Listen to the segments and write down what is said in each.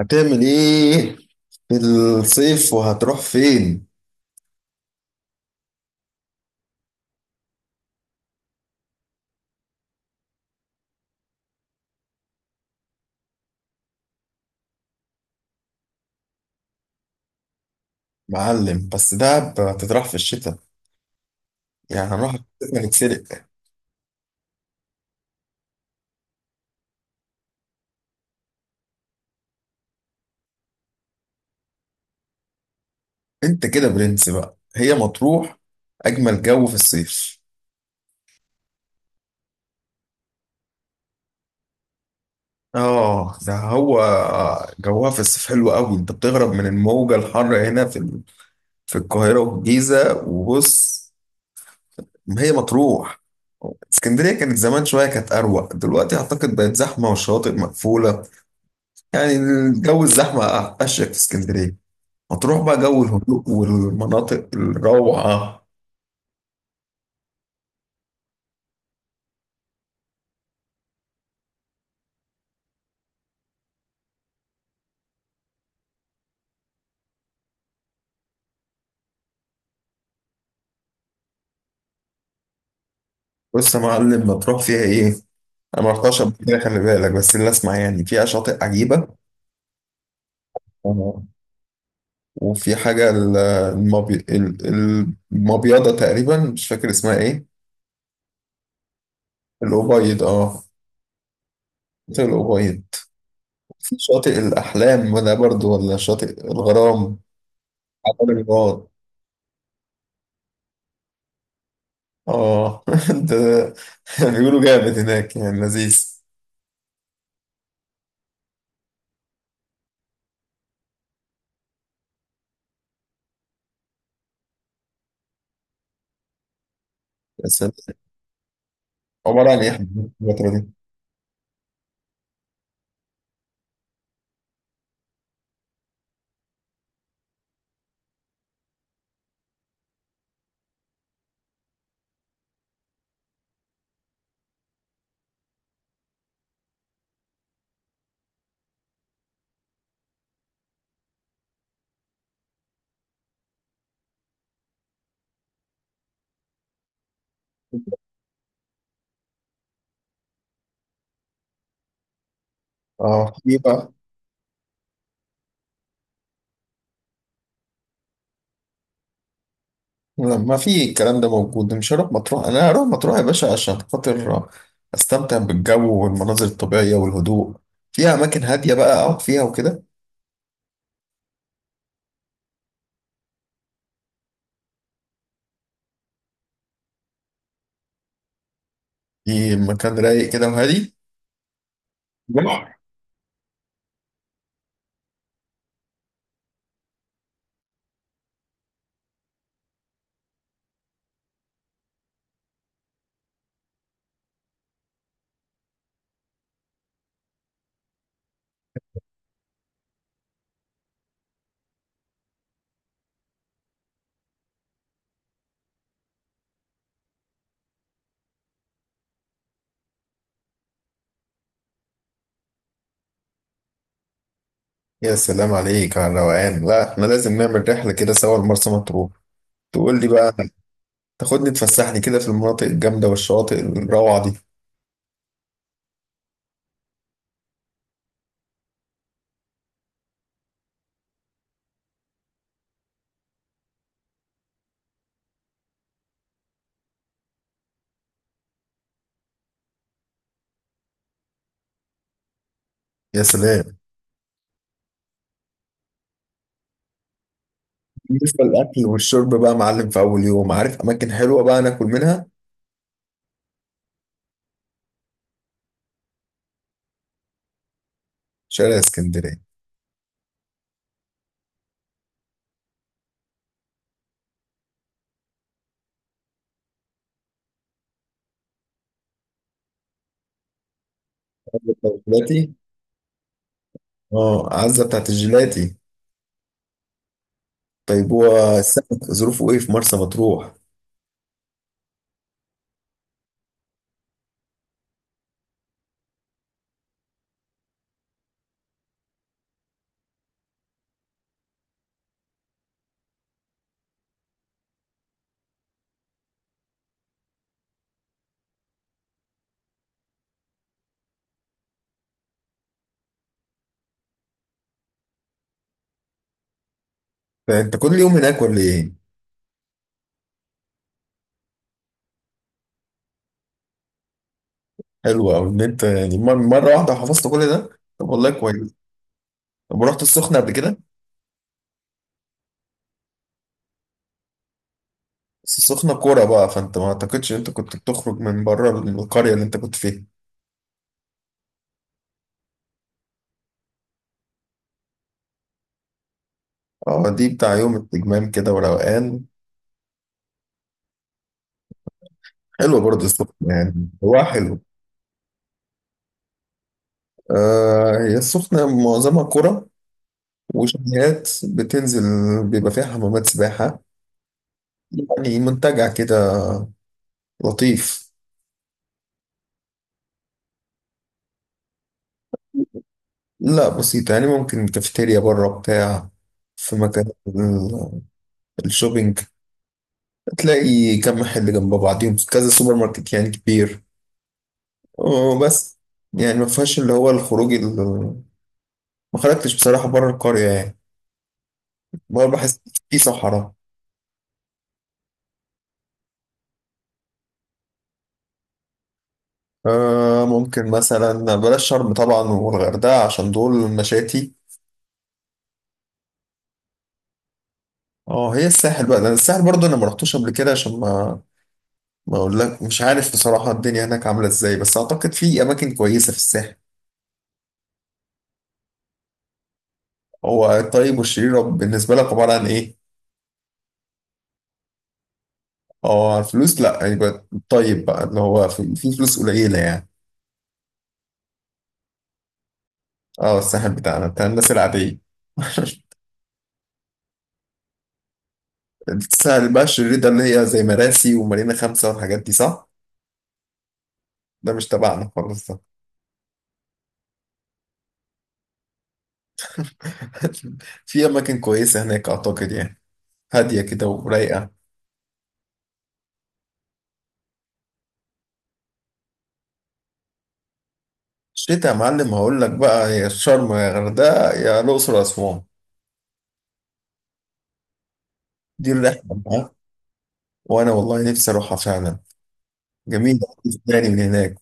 هتعمل ايه في الصيف وهتروح فين؟ معلم، بس دهب هتتراح في الشتاء، يعني هنروح في الشتاء نتسرق؟ انت كده برنس بقى، هي مطروح اجمل جو في الصيف. اه ده هو، جوها في الصيف حلو قوي، انت بتهرب من الموجة الحر هنا في في القاهرة والجيزة وبص. ما هي مطروح. اسكندرية كانت زمان شوية كانت أروق، دلوقتي أعتقد بقت زحمة والشواطئ مقفولة، يعني الجو الزحمة. أشيك في اسكندرية هتروح بقى جو الهدوء والمناطق الروعة. بص يا معلم ما تروح فيها ايه، انا ما رحتش قبل كده خلي بالك، بس اللي اسمع يعني فيها شاطئ عجيبة. آه. وفي حاجة المبيضة تقريبا، مش فاكر اسمها ايه. الأبيض، اه، شاطئ الأبيض. في شاطئ الأحلام ده برضو ولا شاطئ الغرام؟ عبد الغرام. اه ده بيقولوا جامد هناك يعني لذيذ. بس عبارة عن ايه الفترة دي؟ اه، في بقى. ما في الكلام ده موجود، مش هروح مطروح. انا هروح مطروح يا باشا عشان خاطر استمتع بالجو والمناظر الطبيعية والهدوء، فيها اماكن هادية بقى اقعد فيها وكده. في مكان رايق كده وهادي. بحر. يا سلام عليك على الروقان، لا احنا لازم نعمل رحلة كده سوا لمرسى مطروح، تقول لي بقى، تاخدني تفسحني كده في المناطق الجامدة والشواطئ الروعة دي. يا سلام. بالنسبة للأكل والشرب بقى معلم، في أول يوم عارف أماكن حلوة بقى ناكل منها؟ شارع اسكندرية. اه، عزة بتاعت الجيلاتي. طيب هو السمك ظروفه ايه في مرسى مطروح؟ انت كل يوم هناك ولا ايه؟ حلو أوي ان انت يعني مرة واحدة حفظت كل ده. طب والله كويس. طب رحت السخنة قبل كده؟ بس السخنة كورة بقى، فانت ما اعتقدش ان انت كنت بتخرج من بره القرية اللي انت كنت فيها. اه دي بتاع يوم التجمام كده وروقان. حلو برضه السخنة، يعني هو حلو. آه، هي السخنة معظمها كورة وشاليهات بتنزل، بيبقى فيها حمامات سباحة، يعني منتجع كده لطيف. لا بسيطة، يعني ممكن كافيتيريا بره بتاع، في مكان الشوبينج، تلاقي كم محل جنب بعضهم، كذا سوبر ماركت يعني كبير، وبس. يعني ما فيهاش اللي هو الخروج ما خرجتش بصراحة بره القرية يعني، بره بحس في صحراء. آه، ممكن مثلا بلاش شرم طبعا والغردقة، عشان دول مشاتي. اه، هي الساحل بقى، لأن الساحل برضه انا ما رحتوش قبل كده، عشان ما اقول لك مش عارف بصراحة الدنيا هناك عاملة ازاي، بس اعتقد في اماكن كويسة في الساحل. هو الطيب والشرير بالنسبة لك عبارة عن إيه؟ اه، الفلوس، لأ يبقى الطيب بقى اللي هو في فلوس قليلة يعني. اه الساحل بتاعنا بتاع الناس العادية. الساحل بقى الشرير ده اللي هي زي مراسي ومارينا خمسة والحاجات دي، صح؟ ده مش تبعنا خالص ده. في أماكن كويسة هناك أعتقد يعني، هادية كده ورايقة. الشتا يا معلم هقول لك بقى، يا شرم يا غردقة يا الأقصر وأسوان، دي الرحلة بقى. وأنا والله نفسي أروحها فعلا. جميل. تاني من هناك.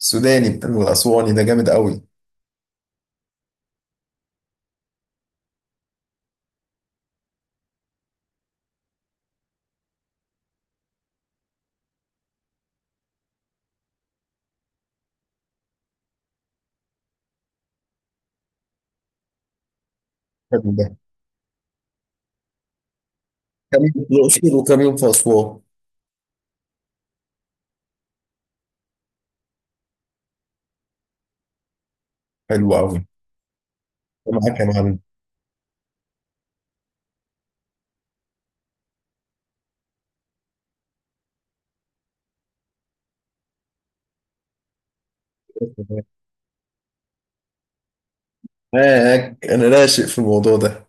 السوداني بتاع الأسواني ده جامد قوي. حلو ده. كمين في الأقصر وكمين في أسوان. حلو قوي. معاك يا معلم. معاك، أنا راشق في الموضوع ده.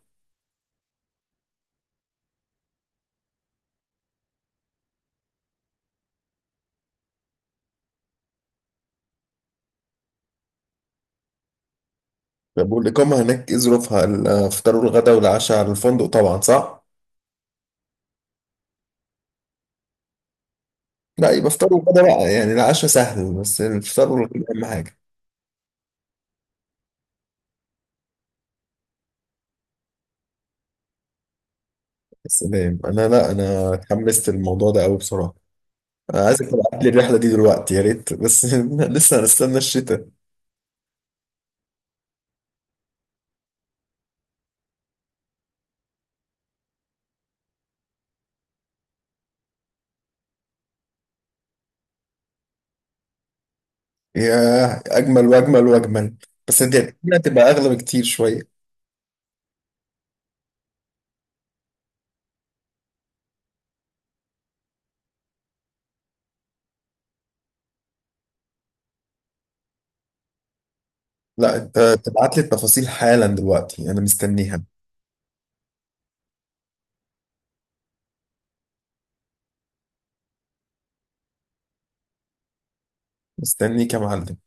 طب والإقامة هناك إيه ظروفها؟ الفطار والغدا والعشاء على الفندق طبعا، صح؟ لا يبقى فطار وغدا بقى، يعني العشاء سهل، بس الفطار والغدا أهم حاجة. يا سلام، أنا لا أنا اتحمست الموضوع ده قوي بصراحة. أنا عايزك تبعت لي الرحلة دي دلوقتي يا ريت، بس لسه هنستنى الشتاء. ياه، اجمل واجمل واجمل، بس دي هتبقى اغلى بكتير شويه. لا انت تبعت لي التفاصيل حالا دلوقتي، انا مستنيها. مستنيك يا معلم.